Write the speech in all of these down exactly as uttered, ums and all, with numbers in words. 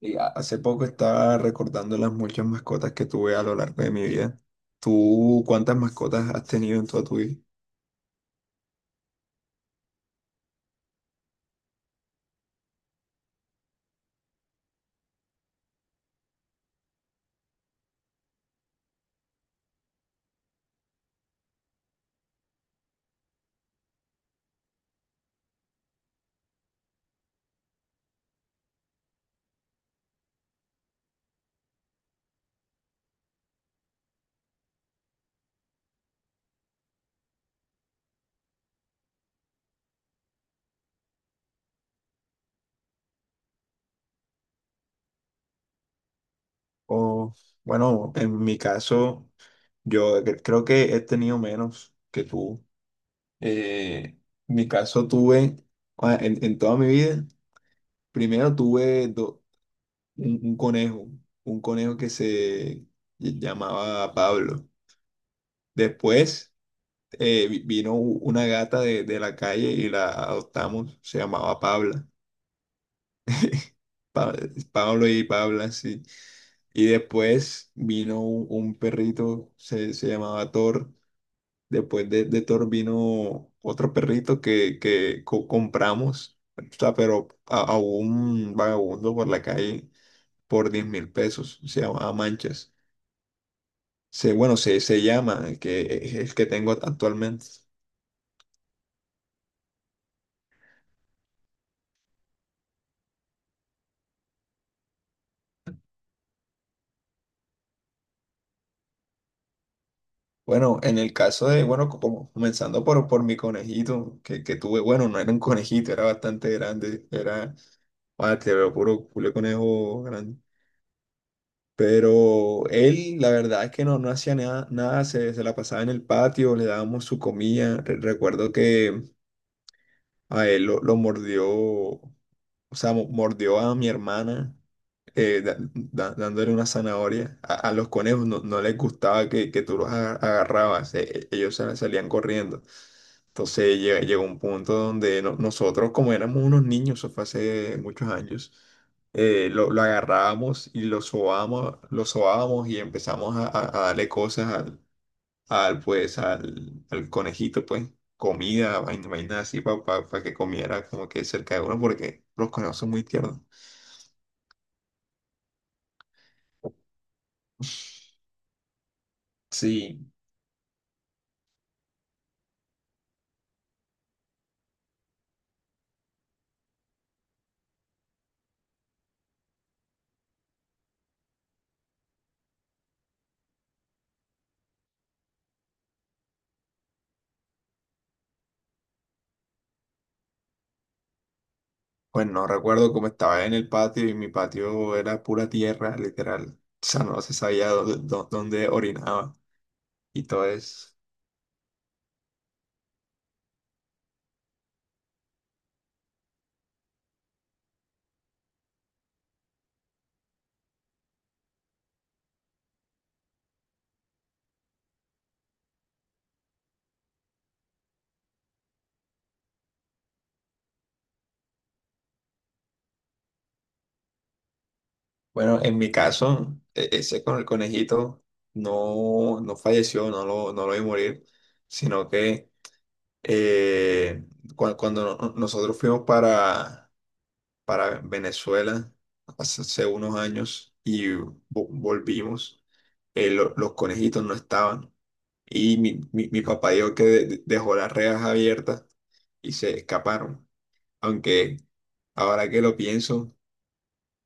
Y a- hace poco estaba recordando las muchas mascotas que tuve a lo largo de mi vida. ¿Tú cuántas mascotas has tenido en toda tu vida? O, bueno, en mi caso, yo cre- creo que he tenido menos que tú. Eh, en mi caso tuve, ah, en, en toda mi vida, primero tuve do- un, un conejo, un conejo que se llamaba Pablo. Después eh, vi- vino u- una gata de, de la calle y la adoptamos, se llamaba Pabla. Pa- Pablo y Paula, sí. Y después vino un, un perrito, se, se llamaba Thor. Después de, de Thor vino otro perrito que, que co- compramos, o sea, pero a, a un vagabundo por la calle por diez mil pesos. Se llamaba Manchas. Se, bueno, se, se llama, el que, es el que tengo actualmente. Bueno, en el caso de, bueno, como comenzando por, por mi conejito que, que tuve, bueno, no era un conejito, era bastante grande, era... Ah, te veo puro culé conejo grande. Pero él, la verdad es que no, no hacía nada, nada, se, se la pasaba en el patio, le dábamos su comida. Re- Recuerdo que a él lo, lo mordió, o sea, mo- mordió a mi hermana eh, da- da- dándole una zanahoria. A, a los conejos no, no les gustaba que, que tú los aga- agarrabas, eh, eh, ellos sal- salían corriendo. Entonces lle- llegó un punto donde no- nosotros, como éramos unos niños, eso fue hace muchos años, eh, lo, lo agarrábamos y lo sobábamos, lo sobábamos y empezamos a, a- a darle cosas al, al, pues, al, al conejito, pues, comida, vaina, vaina así, para que comiera como que cerca de uno, porque los conejos son muy tiernos. Sí. Pues no recuerdo cómo estaba en el patio y mi patio era pura tierra, literal. O sea, no se sabía dónde, dó- dónde orinaba y todo eso. Bueno, en mi caso, e- ese con el conejito no, no falleció, no lo, no lo vi morir, sino que eh, cua- cuando no- nosotros fuimos para, para Venezuela hace hace unos años y vo- volvimos. Eh, lo- los conejitos no estaban. Y mi, mi- mi papá dijo que de- de- dejó las rejas abiertas y se escaparon. Aunque ahora que lo pienso,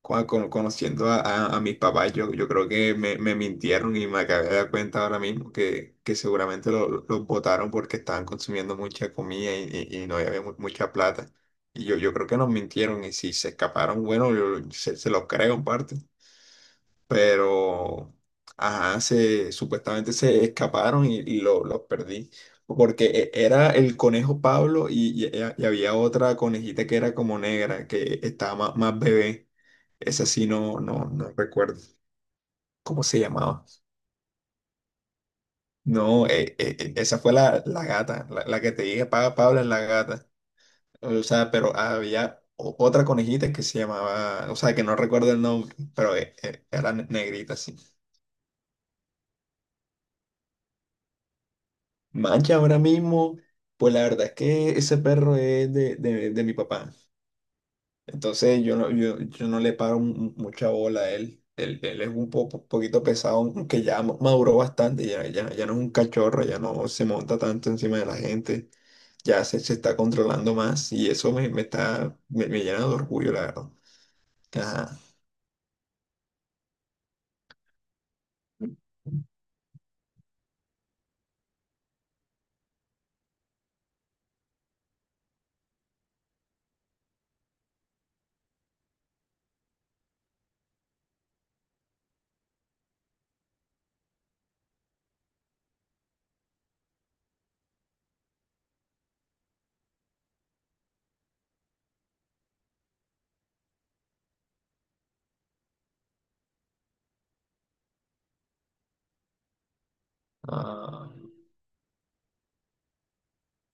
Cua- con- conociendo a, a, a mis papás, yo, yo creo que me, me mintieron y me acabé de dar cuenta ahora mismo que, que seguramente lo- lo- los votaron porque estaban consumiendo mucha comida y, y- y no había mu- mucha plata. Y yo, yo creo que nos mintieron y si se escaparon, bueno, yo- se, se los creo en parte, pero ajá, se, supuestamente se escaparon y, y lo- los perdí. Porque e- era el conejo Pablo y, y- eh, y había otra conejita que era como negra, que estaba más, más bebé. Esa sí no, no, no recuerdo cómo se llamaba. No, eh, eh, eh, esa fue la, la gata, la, la que te dije, Pa- Pablo es la gata. O sea, pero había o- otra conejita que se llamaba, o sea, que no recuerdo el nombre, pero eh, eh, era negrita, sí. Mancha, ahora mismo, pues la verdad es que ese perro es de, de- de mi papá. Entonces yo no, yo, yo no le paro mu- mucha bola a él. Él, él es un po- poquito pesado, aunque ya ma- maduró bastante, ya, ya, ya no es un cachorro, ya no se monta tanto encima de la gente, ya se, se está controlando más y eso me, me está, me, me llena de orgullo, la verdad. Ajá. Ah,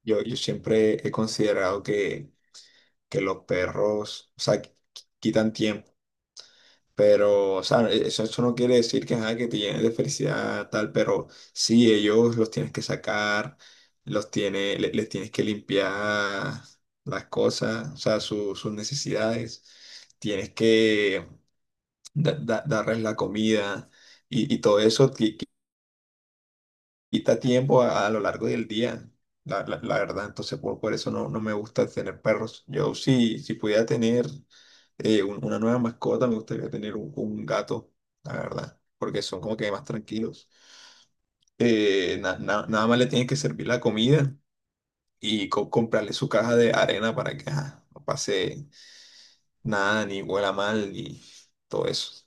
yo, yo siempre he considerado que, que los perros, o sea, qui- quitan tiempo. Pero, o sea, eso, eso no quiere decir que, ajá, que te llenes de felicidad, tal, pero sí, ellos los tienes que sacar, los tiene, le- les tienes que limpiar las cosas, o sea, su- sus necesidades, tienes que da- da- darles la comida y, y todo eso quita tiempo a, a lo largo del día, la, la- la verdad. Entonces, por, por eso no, no me gusta tener perros. Yo sí, si pudiera tener eh, un- una nueva mascota, me gustaría tener un, un gato, la verdad, porque son como que más tranquilos. Eh, na- na- nada más le tienes que servir la comida y co- comprarle su caja de arena para que ajá, no pase nada, ni huela mal, ni todo eso.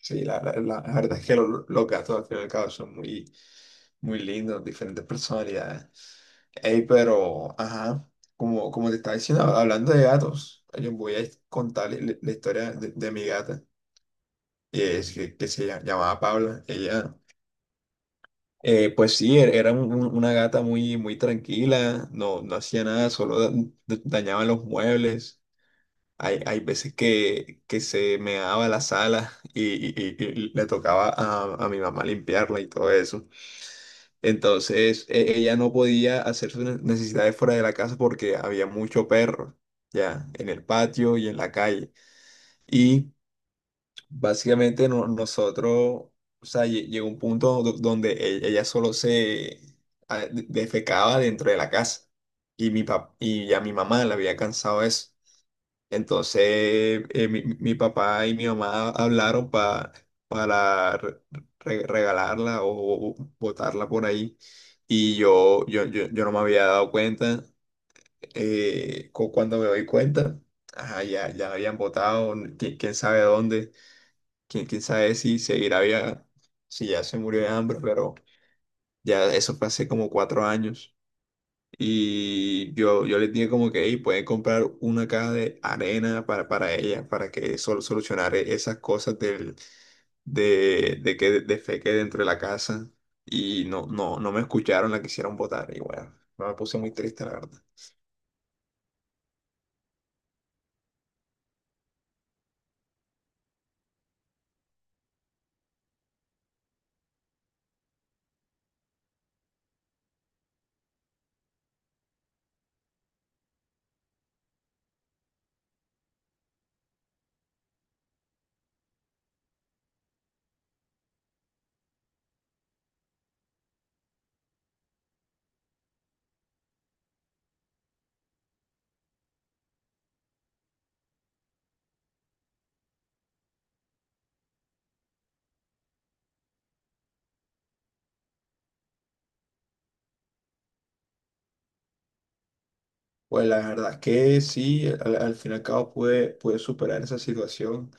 Sí, la, la- la- la verdad es que lo- los gatos al fin y al cabo son muy, muy lindos, diferentes personalidades. Ey, pero, ajá, como, como te estaba diciendo, hablando de gatos, yo voy a contar la, la historia de, de mi gata, que es, que, que se llama- llamaba Paula. Ella, eh, pues sí, er- era un- un- una gata muy, muy tranquila, no, no hacía nada, solo da- da- dañaba los muebles. Hay, hay veces que, que se me daba la sala y, y- y- y le tocaba a, a mi mamá limpiarla y todo eso. Entonces e- ella no podía hacer sus ne- necesidades fuera de la casa porque había mucho perro, ya, en el patio y en la calle. Y básicamente no- nosotros, o sea, lle- llegó un punto do- donde e- ella solo se ah, de- defecaba dentro de la casa. Y, mi pap- y ya mi mamá le había cansado eso. Entonces, eh, mi, mi papá y mi mamá hablaron pa- para re- re- regalarla o botarla por ahí. Y yo, yo, yo, yo no me había dado cuenta. Eh, cu- cuando me doy cuenta, ajá, ya, ya la habían botado, quién, quién sabe dónde, quién, quién sabe si seguirá viva, si ya se murió de hambre, pero ya eso fue hace como cuatro años. Y yo, yo le dije como que, hey, puede comprar una caja de arena para, para ella, para que sol solucionar e- esas cosas del, de, de que defeque dentro de la casa. Y no, no, no me escucharon, la quisieron votar. Y bueno, no me puse muy triste, la verdad. Pues la verdad es que sí, al, al fin y al cabo pude, pude superar esa situación.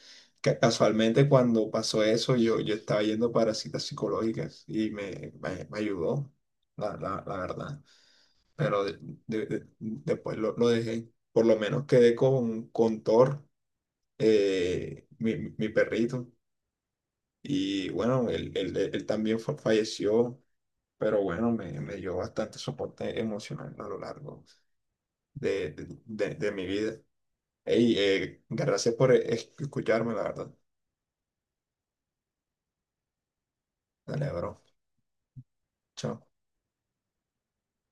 Ca- Casualmente cuando pasó eso, yo, yo estaba yendo para citas psicológicas y me, me, me ayudó, la, la, la verdad. pero de- de- de- Después lo, lo dejé. Por lo menos quedé con, con Thor, eh, mi, mi perrito. Y bueno, él, él- él- él también fa- falleció, pero bueno, me, me dio bastante soporte emocional a lo largo de, de, de- de mi vida. Ey, eh, gracias por eh, escucharme, la verdad. Dale, bro. Chao.